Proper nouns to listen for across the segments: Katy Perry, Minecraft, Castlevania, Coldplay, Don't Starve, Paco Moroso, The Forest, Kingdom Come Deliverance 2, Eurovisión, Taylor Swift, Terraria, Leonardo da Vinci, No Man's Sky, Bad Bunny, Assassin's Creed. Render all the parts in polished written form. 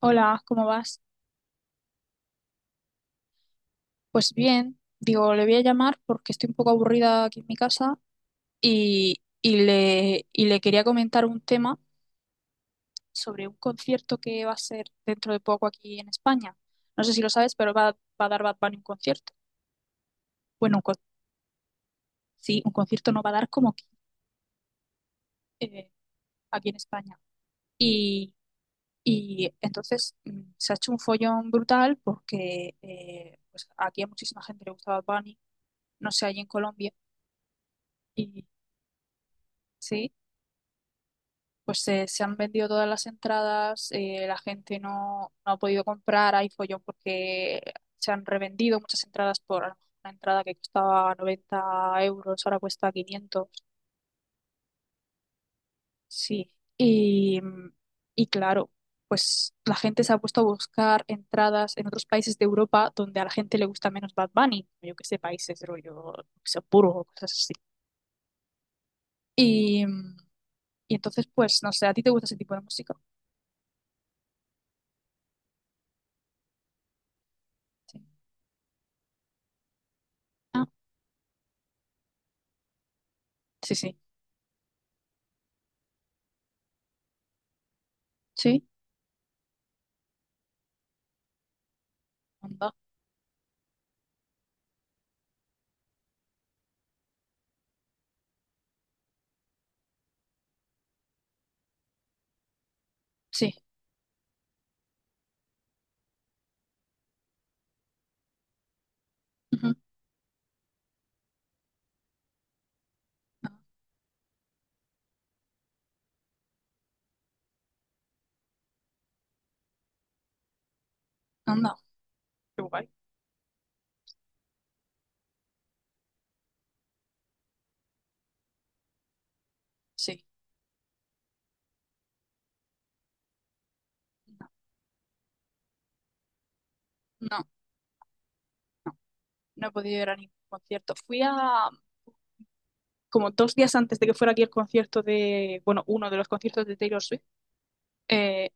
Hola, ¿cómo vas? Pues bien, digo, le voy a llamar porque estoy un poco aburrida aquí en mi casa y le quería comentar un tema sobre un concierto que va a ser dentro de poco aquí en España. No sé si lo sabes, pero va a dar Bad Bunny un concierto. Bueno, sí, un concierto no va a dar como aquí, eh, aquí en España. Y, y entonces se ha hecho un follón brutal porque pues aquí a muchísima gente le gusta Bad Bunny, no sé, allí en Colombia. Y, sí. Pues se han vendido todas las entradas, la gente no, no ha podido comprar, hay follón porque se han revendido muchas entradas por, a lo mejor, una entrada que costaba 90 euros, ahora cuesta 500. Sí. Y claro, pues la gente se ha puesto a buscar entradas en otros países de Europa donde a la gente le gusta menos Bad Bunny, yo que sé, países rollo Luxemburgo, o cosas así. Y, mm, y entonces, pues, no sé, ¿a ti te gusta ese tipo de música? Sí. Ah, sí, sí. Sí. Anda. Sí. Ujú. Ah. Anda. Qué guay. Sí. No, no, no, no he podido ir a ningún concierto. Fui a, como 2 días antes de que fuera aquí el concierto de, bueno, uno de los conciertos de Taylor Swift, eh,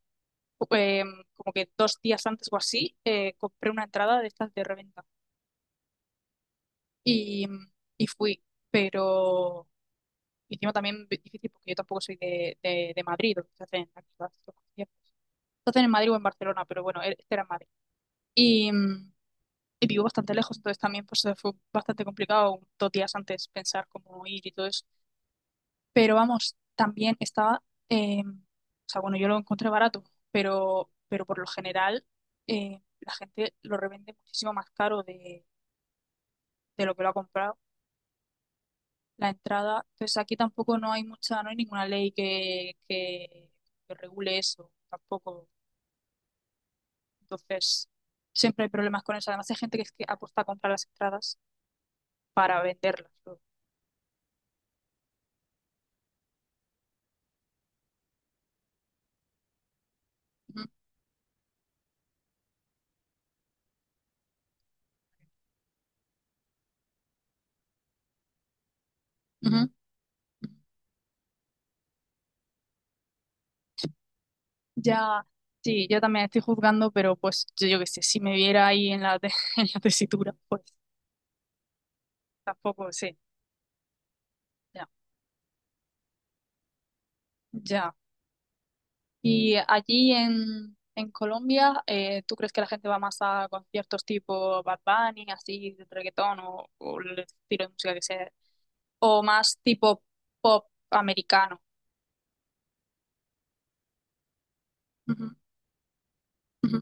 eh, como que 2 días antes o así, compré una entrada de estas de reventa y, y fui, pero y encima también es difícil porque yo tampoco soy de Madrid, donde se hacen aquí los conciertos. Se hacen en Madrid o en Barcelona, pero bueno, este era en Madrid. Y, mm, y vivo bastante lejos, entonces también pues fue bastante complicado 2 días antes pensar cómo ir y todo eso. Pero vamos, también estaba, o sea, bueno, yo lo encontré barato, pero, por lo general la gente lo revende muchísimo más caro de, lo que lo ha comprado la entrada. Entonces aquí tampoco no hay mucha, no hay ninguna ley que, regule eso, tampoco. Entonces siempre hay problemas con eso. Además hay gente que es que apuesta a comprar las entradas para venderlas luego. Ujú, ujú. Ya, sí, yo también estoy juzgando, pero pues yo, qué sé, si me viera ahí en la, en la tesitura, pues tampoco sé, ya, ya. Y allí en, Colombia, ¿tú crees que la gente va más a conciertos tipo Bad Bunny, así, de reggaetón o, el estilo de música que sea, o más tipo pop americano? Ujú, ujú.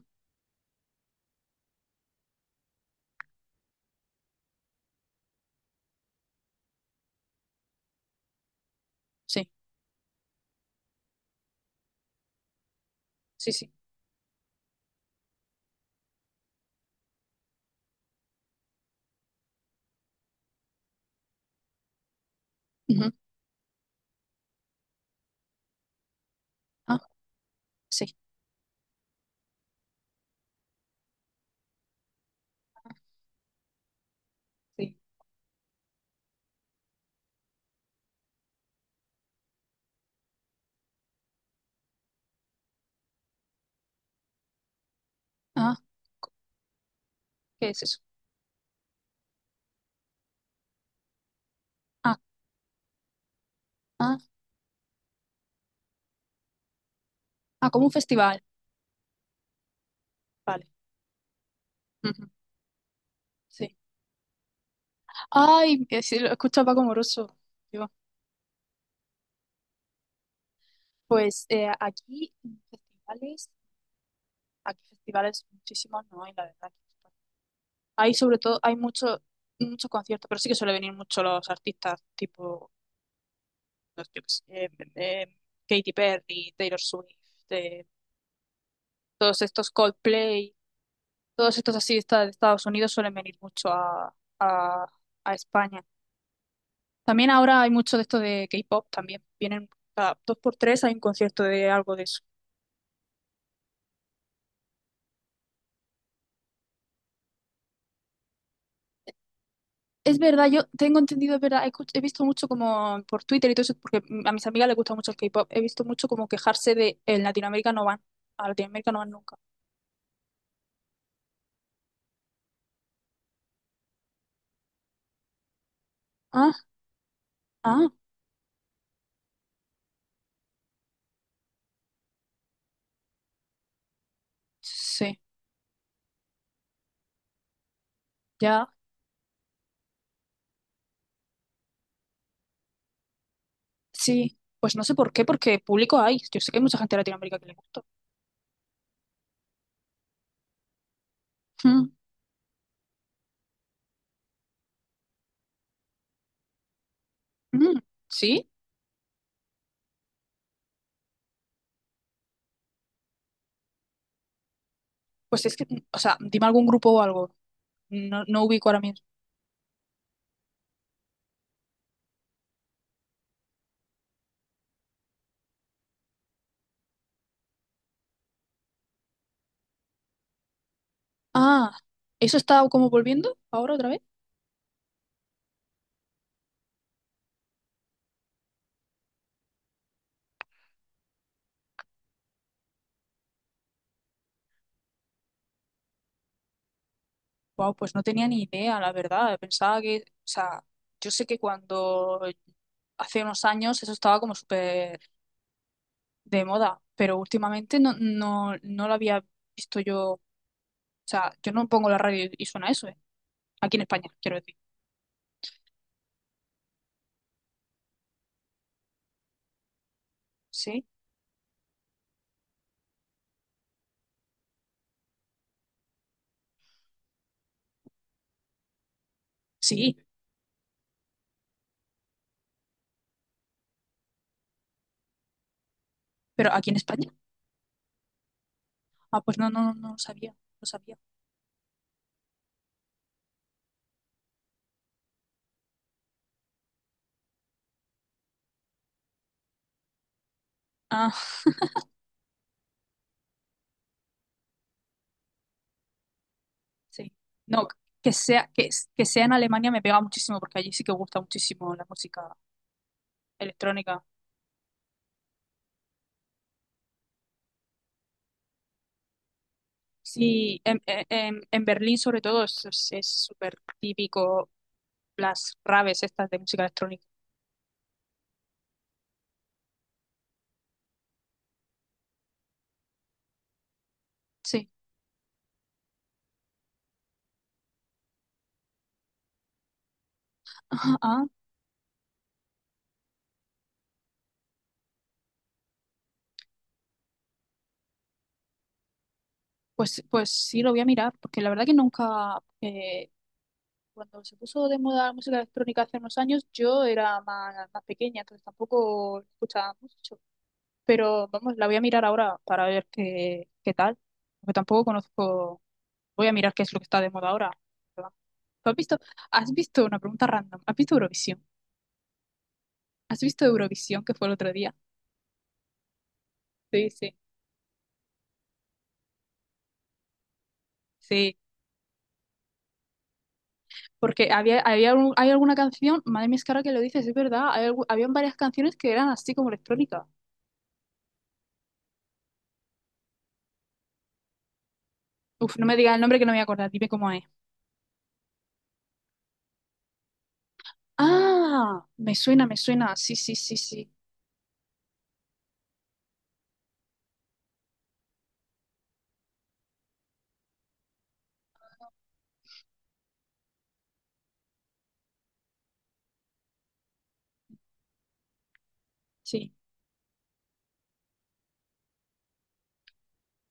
Sí, sí, sí. Ujú. Ah, sí, sí. Ah, ¿qué es eso? Ah, ah, ah, como un festival. Vale. Ujú. Sí. Ay, sí, lo escucho a Paco Moroso. Digo, pues festivales, aquí festivales muchísimos no hay, la verdad. Hay sobre todo, hay muchos muchos conciertos, pero sí que suele venir mucho los artistas tipo, no sé, yo qué sé, eh, Katy Perry, Taylor Swift, eh, todos estos Coldplay, todos estos así de Estados Unidos suelen venir mucho a, España. También ahora hay mucho de esto de K-pop también. Vienen cada dos por tres, hay un concierto de algo de... Es verdad, yo tengo entendido, es verdad, he visto mucho como por Twitter y todo eso, porque a mis amigas les gusta mucho el K-pop, he visto mucho como quejarse de en Latinoamérica no van, a Latinoamérica no van nunca. Ah, ah, sí, ya, sí. Pues no sé por qué, porque público hay. Yo sé que hay mucha gente de Latinoamérica que le gusta. Mm, mm, sí, pues es que, o sea, dime algún grupo o algo. No, no ubico ahora mismo. Ah, ¿eso está como volviendo ahora otra vez? Wow, pues no tenía ni idea, la verdad. Pensaba que, o sea, yo sé que cuando hace unos años eso estaba como súper de moda, pero últimamente no, no, no lo había visto yo. O sea, yo no pongo la radio y suena eso, ¿eh? Aquí en España, quiero decir. Sí, sí, pero aquí en España. Ah, pues no, no, no, no lo sabía, no sabía. Ah, sí. No, que sea, que, que sea en Alemania me pega muchísimo porque allí sí que gusta muchísimo la música electrónica. Sí, en, en Berlín sobre todo es súper típico las raves estas de música electrónica. Sí. Ajá. Ah, pues sí, lo voy a mirar, porque la verdad que nunca, cuando se puso de moda la música electrónica hace unos años, yo era más, más pequeña, entonces tampoco escuchaba mucho. Pero vamos, la voy a mirar ahora para ver qué, tal, porque tampoco conozco, voy a mirar qué es lo que está de moda ahora. ¿Tú has visto una pregunta random? ¿Has visto Eurovisión? ¿Has visto Eurovisión que fue el otro día? Sí, sí. Sí, porque había hay alguna canción, madre mía, es que ahora que lo dices, es verdad, habían varias canciones que eran así como electrónicas. Uf, no me digas el nombre que no me voy a acordar, dime cómo es. Ah, me suena, sí, sí, sí, sí, sí.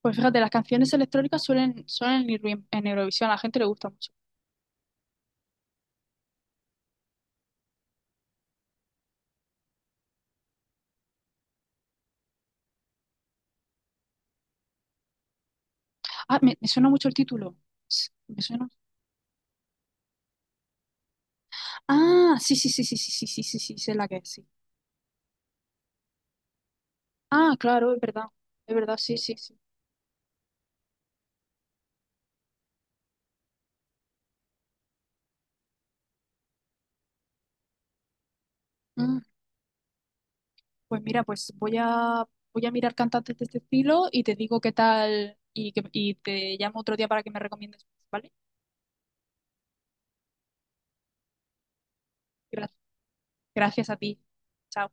Pues fíjate, las canciones electrónicas suelen, ir bien en Eurovisión, a la gente le gusta mucho. Ah, me suena mucho el título. Sí, me suena. Ah, sí, sí, sí, sí, sí, sí, sí, sí, sí, sé la que es, sí. Ah, claro, es verdad, sí, sí, sí. Ah. Pues mira, pues voy a mirar cantantes de este estilo y te digo qué tal y, y te llamo otro día para que me recomiendes, ¿vale? Gra- Gracias a ti. Chao.